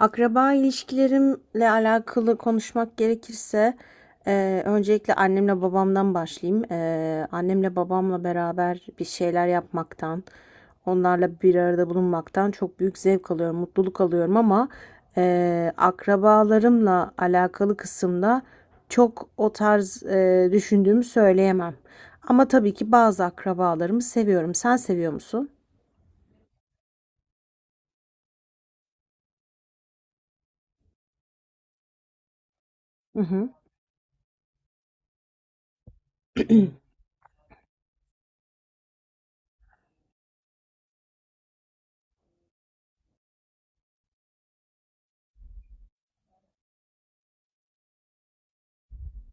Akraba ilişkilerimle alakalı konuşmak gerekirse öncelikle annemle babamdan başlayayım. Annemle babamla beraber bir şeyler yapmaktan, onlarla bir arada bulunmaktan çok büyük zevk alıyorum, mutluluk alıyorum ama akrabalarımla alakalı kısımda çok o tarz düşündüğümü söyleyemem. Ama tabii ki bazı akrabalarımı seviyorum. Sen seviyor musun? Hı hı.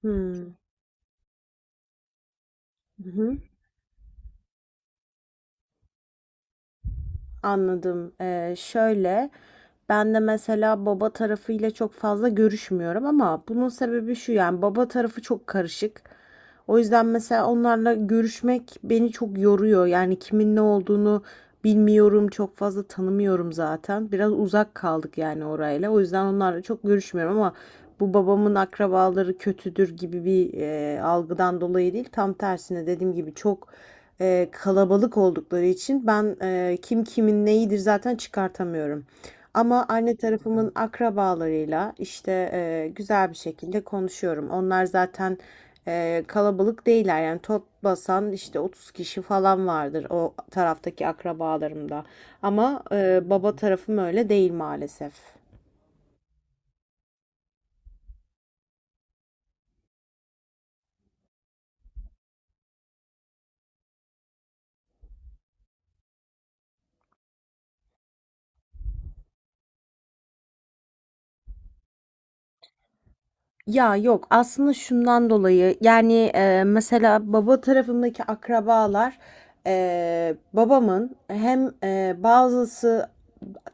Hmm. Hı hı. Anladım. Şöyle, ben de mesela baba tarafıyla çok fazla görüşmüyorum ama bunun sebebi şu, yani baba tarafı çok karışık. O yüzden mesela onlarla görüşmek beni çok yoruyor. Yani kimin ne olduğunu bilmiyorum, çok fazla tanımıyorum zaten. Biraz uzak kaldık yani orayla. O yüzden onlarla çok görüşmüyorum ama bu babamın akrabaları kötüdür gibi bir algıdan dolayı değil. Tam tersine dediğim gibi çok kalabalık oldukları için ben kim kimin neyidir zaten çıkartamıyorum. Ama anne tarafımın akrabalarıyla işte güzel bir şekilde konuşuyorum. Onlar zaten kalabalık değiller, yani top basan işte 30 kişi falan vardır o taraftaki akrabalarımda. Ama baba tarafım öyle değil maalesef. Ya yok, aslında şundan dolayı yani mesela baba tarafındaki akrabalar babamın hem bazısı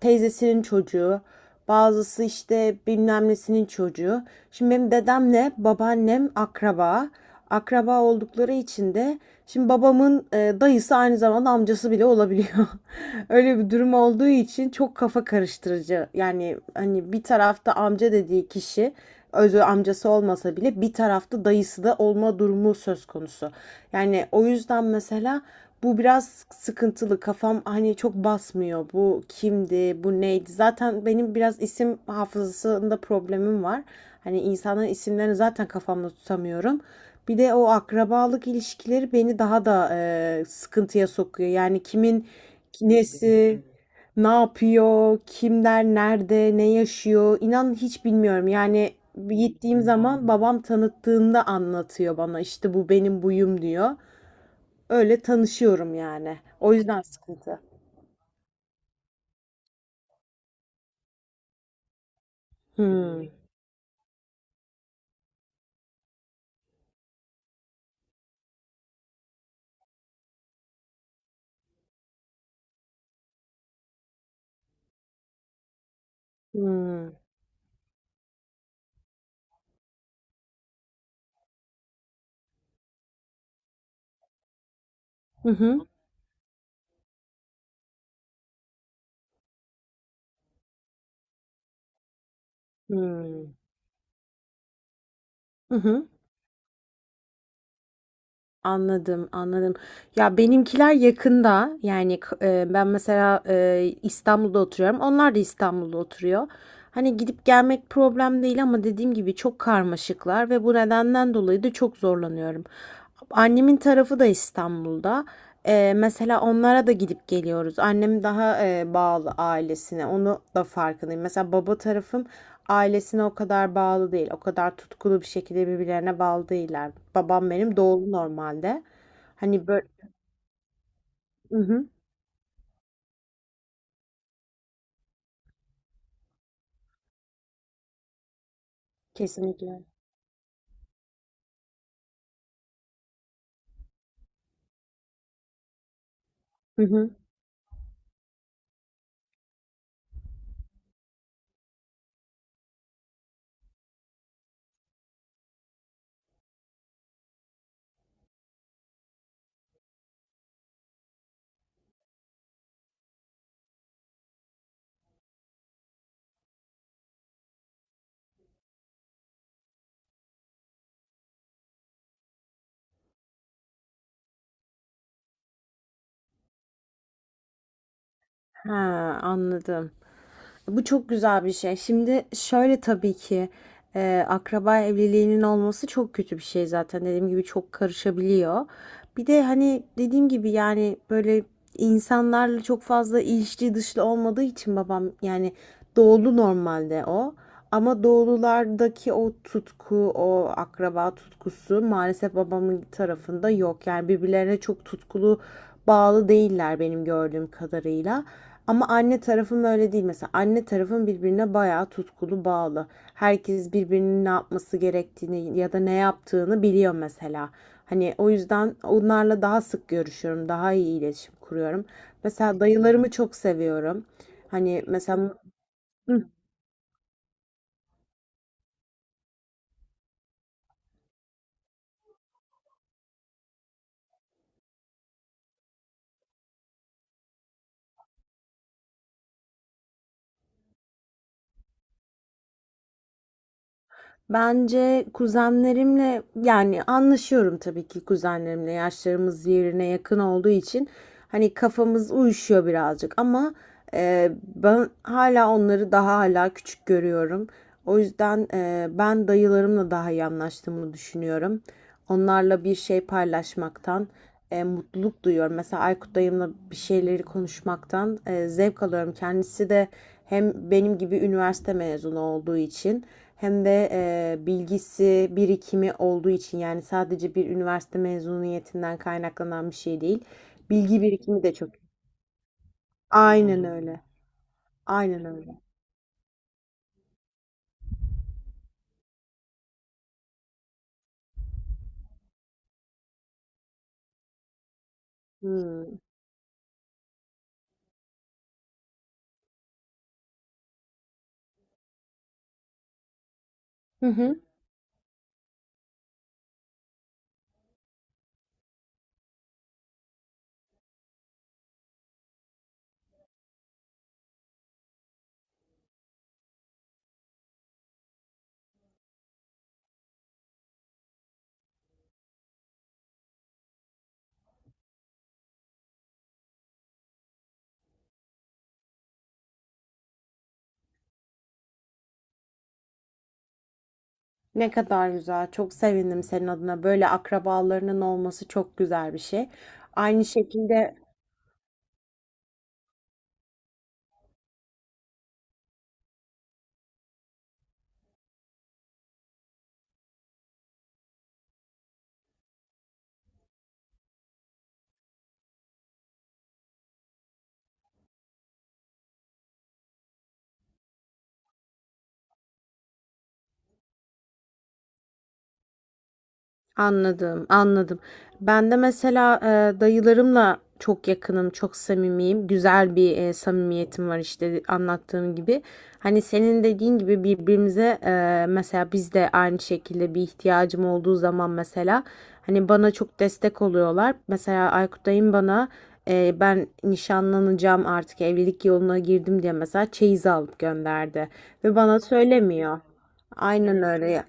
teyzesinin çocuğu, bazısı işte bilmem nesinin çocuğu. Şimdi benim dedemle babaannem akraba. Akraba oldukları için de şimdi babamın dayısı aynı zamanda amcası bile olabiliyor. Öyle bir durum olduğu için çok kafa karıştırıcı. Yani hani bir tarafta amca dediği kişi özü amcası olmasa bile bir tarafta dayısı da olma durumu söz konusu. Yani o yüzden mesela bu biraz sıkıntılı. Kafam hani çok basmıyor. Bu kimdi, bu neydi? Zaten benim biraz isim hafızasında problemim var. Hani insanların isimlerini zaten kafamda tutamıyorum. Bir de o akrabalık ilişkileri beni daha da sıkıntıya sokuyor. Yani kimin nesi ne yapıyor, kimler nerede, ne yaşıyor? İnan hiç bilmiyorum. Yani gittiğim zaman babam tanıttığında anlatıyor bana. İşte bu benim buyum diyor. Öyle tanışıyorum yani. O yüzden sıkıntı. Hmm. Hmm. Hı hı. Hmm. Hı hı. Anladım, anladım. Ya benimkiler yakında. Yani ben mesela İstanbul'da oturuyorum. Onlar da İstanbul'da oturuyor. Hani gidip gelmek problem değil ama dediğim gibi çok karmaşıklar ve bu nedenden dolayı da çok zorlanıyorum. Annemin tarafı da İstanbul'da. Mesela onlara da gidip geliyoruz. Annem daha bağlı ailesine. Onu da farkındayım. Mesela baba tarafım ailesine o kadar bağlı değil. O kadar tutkulu bir şekilde birbirlerine bağlı değiller. Babam benim doğulu normalde. Hani böyle. Hı hı, kesinlikle. Hı hı. Ha, anladım. Bu çok güzel bir şey. Şimdi şöyle, tabii ki akraba evliliğinin olması çok kötü bir şey zaten. Dediğim gibi çok karışabiliyor. Bir de hani dediğim gibi yani böyle insanlarla çok fazla ilişki dışlı olmadığı için babam yani doğulu normalde o. Ama doğululardaki o tutku, o akraba tutkusu maalesef babamın tarafında yok. Yani birbirlerine çok tutkulu bağlı değiller benim gördüğüm kadarıyla. Ama anne tarafım öyle değil mesela. Anne tarafım birbirine bayağı tutkulu bağlı. Herkes birbirinin ne yapması gerektiğini ya da ne yaptığını biliyor mesela. Hani o yüzden onlarla daha sık görüşüyorum, daha iyi iletişim kuruyorum. Mesela dayılarımı çok seviyorum. Hani mesela bence kuzenlerimle yani anlaşıyorum, tabii ki kuzenlerimle yaşlarımız birbirine yakın olduğu için hani kafamız uyuşuyor birazcık ama ben hala onları daha hala küçük görüyorum. O yüzden ben dayılarımla daha iyi anlaştığımı düşünüyorum. Onlarla bir şey paylaşmaktan mutluluk duyuyorum. Mesela Aykut dayımla bir şeyleri konuşmaktan zevk alıyorum. Kendisi de hem benim gibi üniversite mezunu olduğu için hem de bilgisi, birikimi olduğu için, yani sadece bir üniversite mezuniyetinden kaynaklanan bir şey değil. Bilgi birikimi de çok. Aynen öyle. Aynen öyle. Hmm. Hı hı. Ne kadar güzel. Çok sevindim senin adına. Böyle akrabalarının olması çok güzel bir şey. Aynı şekilde. Anladım, anladım. Ben de mesela dayılarımla çok yakınım, çok samimiyim. Güzel bir samimiyetim var işte, anlattığım gibi. Hani senin dediğin gibi birbirimize mesela biz de aynı şekilde bir ihtiyacım olduğu zaman mesela hani bana çok destek oluyorlar. Mesela Aykut dayım bana ben nişanlanacağım, artık evlilik yoluna girdim diye mesela çeyiz alıp gönderdi ve bana söylemiyor. Aynen öyle.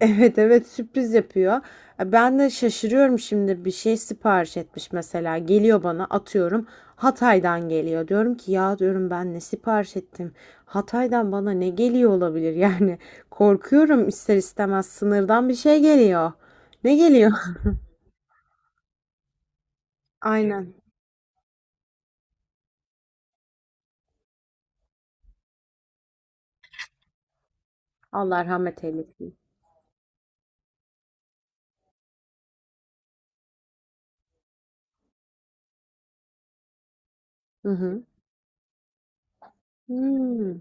Evet, evet, sürpriz yapıyor. Ben de şaşırıyorum, şimdi bir şey sipariş etmiş mesela, geliyor bana, atıyorum Hatay'dan geliyor. Diyorum ki ya, diyorum ben ne sipariş ettim? Hatay'dan bana ne geliyor olabilir yani? Korkuyorum ister istemez, sınırdan bir şey geliyor. Ne geliyor? Aynen. Allah rahmet eylesin. Hı hı. Hmm.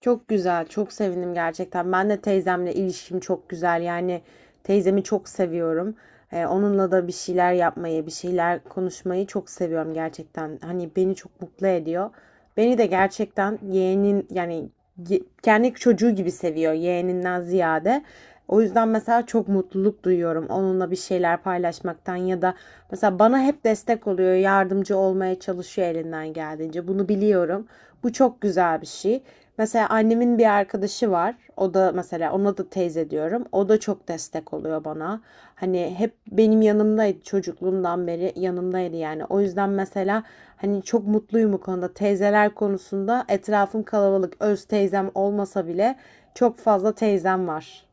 Çok güzel, çok sevindim gerçekten. Ben de teyzemle ilişkim çok güzel. Yani teyzemi çok seviyorum. Onunla da bir şeyler yapmayı, bir şeyler konuşmayı çok seviyorum gerçekten. Hani beni çok mutlu ediyor. Beni de gerçekten yeğenin, yani kendi çocuğu gibi seviyor, yeğeninden ziyade. O yüzden mesela çok mutluluk duyuyorum onunla bir şeyler paylaşmaktan ya da mesela bana hep destek oluyor, yardımcı olmaya çalışıyor elinden geldiğince. Bunu biliyorum. Bu çok güzel bir şey. Mesela annemin bir arkadaşı var. O da mesela, ona da teyze diyorum. O da çok destek oluyor bana. Hani hep benim yanımdaydı, çocukluğumdan beri yanımdaydı yani. O yüzden mesela hani çok mutluyum bu konuda. Teyzeler konusunda etrafım kalabalık. Öz teyzem olmasa bile çok fazla teyzem var.